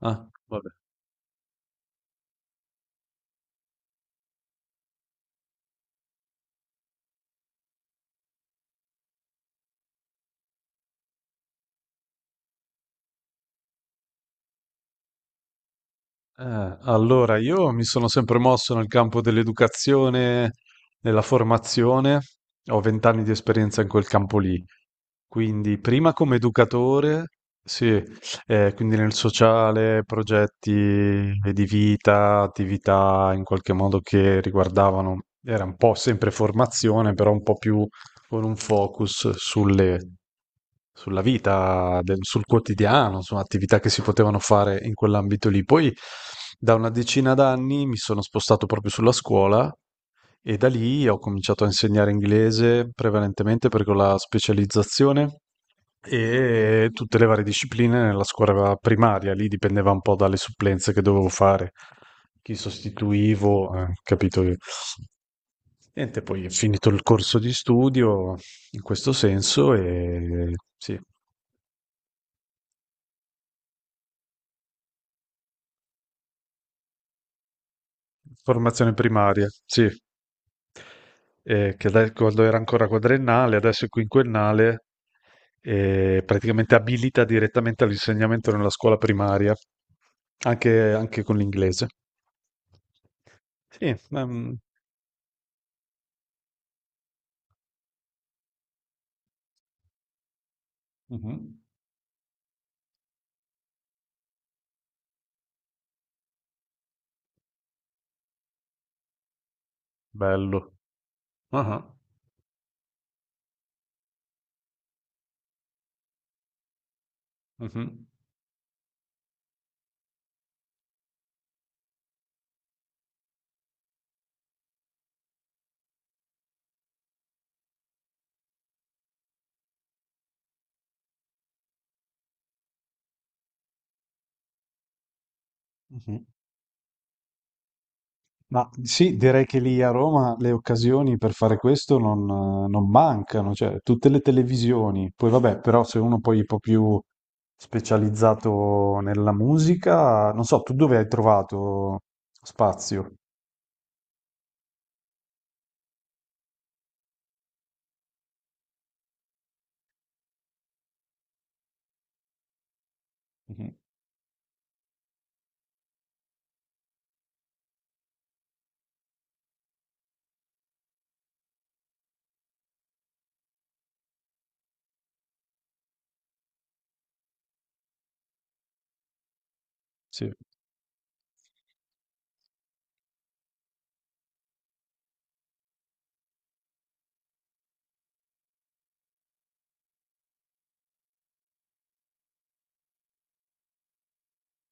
Ah, vabbè. Allora, io mi sono sempre mosso nel campo dell'educazione, della formazione, ho vent'anni di esperienza in quel campo lì. Quindi, prima come educatore, sì, quindi nel sociale, progetti di vita, attività in qualche modo che riguardavano, era un po' sempre formazione, però un po' più con un focus sulle sulla vita, sul quotidiano, su attività che si potevano fare in quell'ambito lì. Poi da una decina d'anni mi sono spostato proprio sulla scuola e da lì ho cominciato a insegnare inglese prevalentemente perché ho la specializzazione e tutte le varie discipline nella scuola primaria, lì dipendeva un po' dalle supplenze che dovevo fare, chi sostituivo, capito io. Niente, poi ho finito il corso di studio in questo senso e sì. Formazione primaria, sì, quando era ancora quadrennale, adesso è quinquennale, praticamente abilita direttamente all'insegnamento nella scuola primaria, anche con l'inglese. Sì, mhm. Bello. Ah, ah, mhm, mhm. Ma sì, direi che lì a Roma le occasioni per fare questo non, non mancano, cioè tutte le televisioni. Poi vabbè, però se uno poi è un po' più specializzato nella musica, non so, tu dove hai trovato spazio? Mhm. Sì.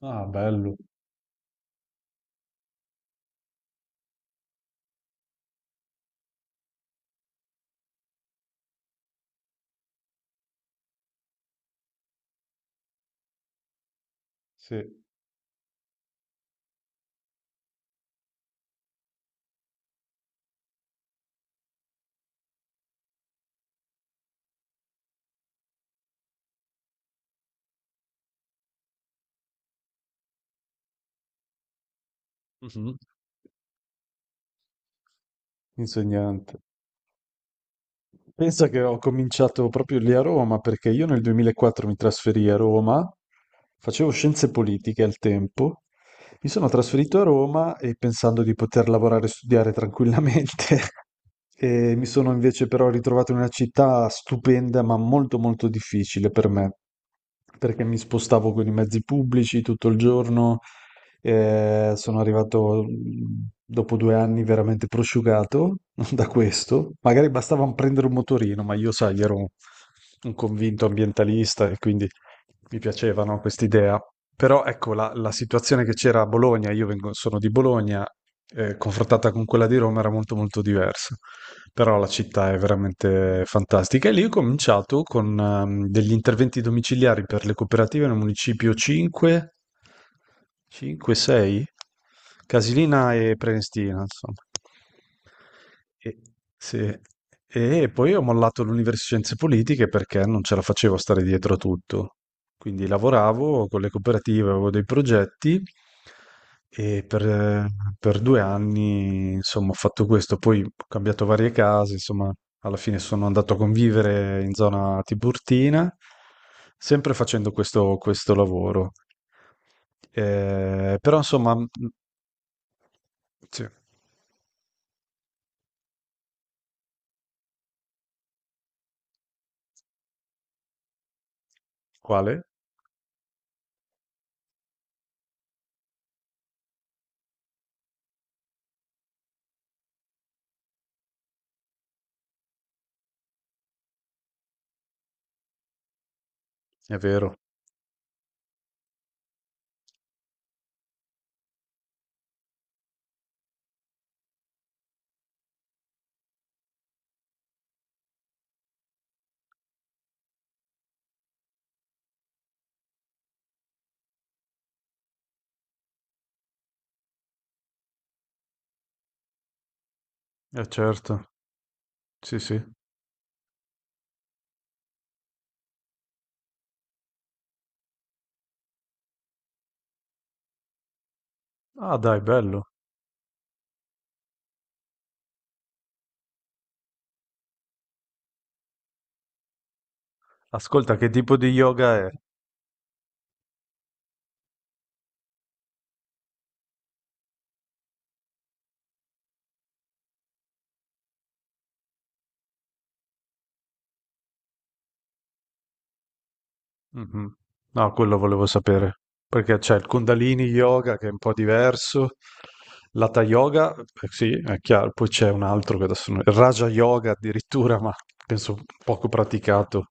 Ah, bello, sì. Mhm. Insegnante. Pensa che ho cominciato proprio lì a Roma, perché io nel 2004 mi trasferii a Roma, facevo scienze politiche al tempo, mi sono trasferito a Roma e pensando di poter lavorare e studiare tranquillamente, e mi sono invece però ritrovato in una città stupenda, ma molto molto difficile per me perché mi spostavo con i mezzi pubblici tutto il giorno, sono arrivato dopo due anni veramente prosciugato da questo. Magari bastava prendere un motorino, ma io, sai, ero un convinto ambientalista e quindi mi piacevano quest'idea. Però ecco la situazione che c'era a Bologna, sono di Bologna, confrontata con quella di Roma era molto molto diversa. Però la città è veramente fantastica. E lì ho cominciato con degli interventi domiciliari per le cooperative nel municipio 5, 5, 6, Casilina e Prenestina, insomma. E, sì. E poi ho mollato l'università di scienze politiche perché non ce la facevo a stare dietro a tutto. Quindi lavoravo con le cooperative, avevo dei progetti e per, per due anni, insomma, ho fatto questo. Poi ho cambiato varie case, insomma, alla fine sono andato a convivere in zona Tiburtina, sempre facendo questo lavoro. Però, insomma, sì. Quale? È vero, è certo, sì, sì. Ah, dai, bello. Ascolta, che tipo di yoga è? Mhm. No, quello volevo sapere. Perché c'è il Kundalini Yoga che è un po' diverso, l'Hatha Yoga, sì, è chiaro, poi c'è un altro che adesso non- il Raja Yoga addirittura, ma penso poco praticato.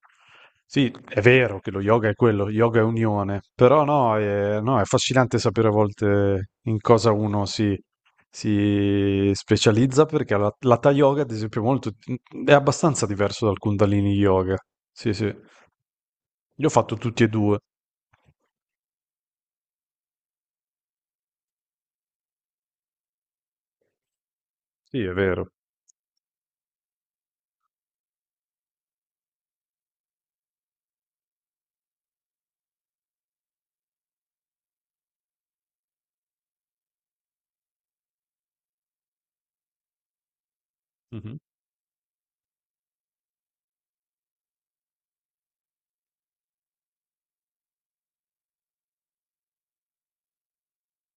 Sì, è vero che lo yoga è quello, yoga è unione, però no, è, no, è affascinante sapere a volte in cosa uno si specializza perché l'Hatha Yoga, ad esempio, è, molto, è abbastanza diverso dal Kundalini Yoga. Sì, sì. Io ho fatto tutti e due. Sì, è vero. Mh-mh.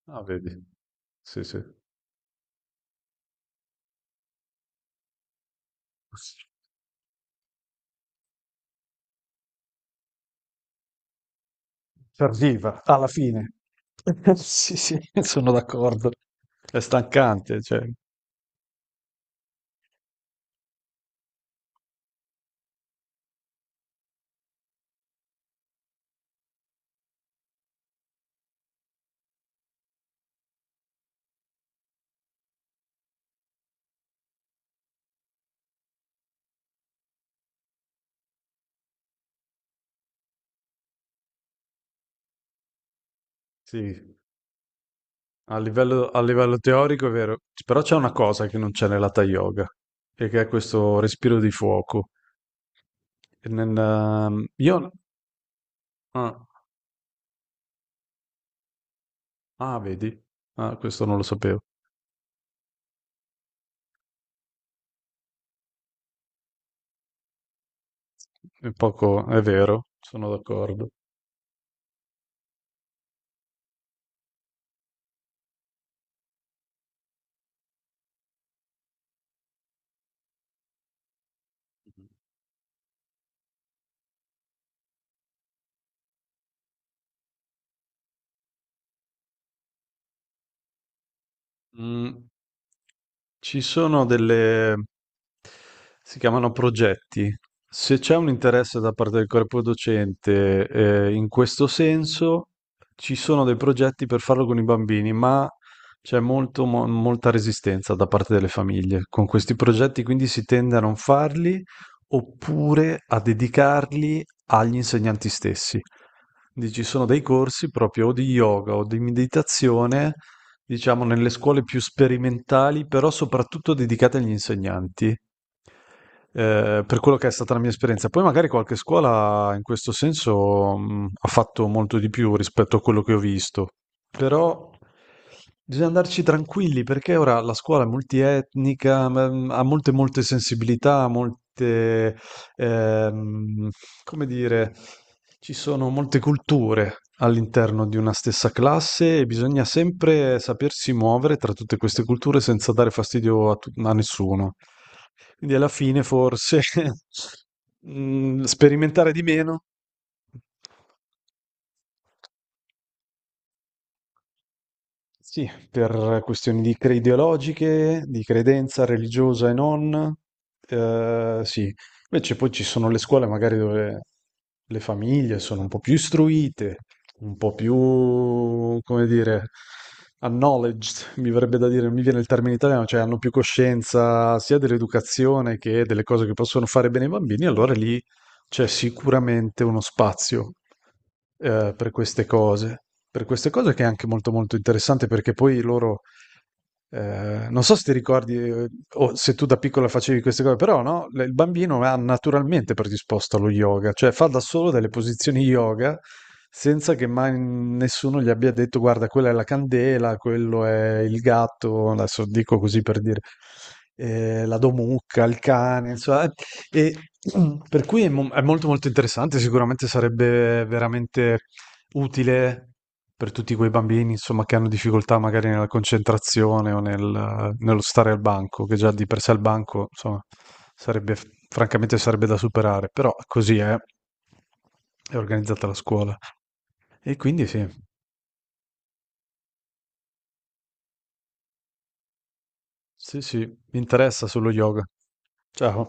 Ah, vedi. Sì, sì. Serviva, alla fine. Sì, sì, sono d'accordo. È stancante, cioè sì, a livello teorico è vero, c però c'è una cosa che non c'è nell'hatha yoga, e che è questo respiro di fuoco. E nel io ah, ah, vedi? Ah, questo non lo sapevo. È poco è vero, sono d'accordo. Mh. Ci sono delle, si chiamano progetti. Se c'è un interesse da parte del corpo docente, in questo senso, ci sono dei progetti per farlo con i bambini, ma c'è molta resistenza da parte delle famiglie. Con questi progetti quindi si tende a non farli oppure a dedicarli agli insegnanti stessi. Quindi ci sono dei corsi proprio o di yoga o di meditazione, diciamo, nelle scuole più sperimentali, però soprattutto dedicate agli insegnanti. Eh, per quello che è stata la mia esperienza. Poi magari qualche scuola in questo senso ha fatto molto di più rispetto a quello che ho visto, però bisogna andarci tranquilli perché ora la scuola è multietnica, ha molte molte sensibilità, molte ehm, come dire, ci sono molte culture all'interno di una stessa classe e bisogna sempre sapersi muovere tra tutte queste culture senza dare fastidio a nessuno. Quindi alla fine forse mm, sperimentare di meno. Sì, per questioni di ideologiche, di credenza religiosa e non, sì. Invece poi ci sono le scuole magari dove le famiglie sono un po' più istruite, un po' più, come dire, acknowledged, mi verrebbe da dire, non mi viene il termine italiano, cioè hanno più coscienza sia dell'educazione che delle cose che possono fare bene i bambini, allora lì c'è sicuramente uno spazio eh, per queste cose, per queste cose che è anche molto molto interessante perché poi loro, non so se ti ricordi o se tu da piccola facevi queste cose, però no, il bambino è naturalmente predisposto allo yoga, cioè fa da solo delle posizioni yoga senza che mai nessuno gli abbia detto guarda, quella è la candela, quello è il gatto, adesso dico così per dire, la domucca, il cane, insomma, e, mm, per cui è, è molto molto interessante, sicuramente sarebbe veramente utile per tutti quei bambini, insomma, che hanno difficoltà magari nella concentrazione o nello stare al banco, che già di per sé il banco, insomma, sarebbe, francamente sarebbe da superare, però così è organizzata la scuola. E quindi sì, sì, sì, mi interessa sullo yoga. Ciao.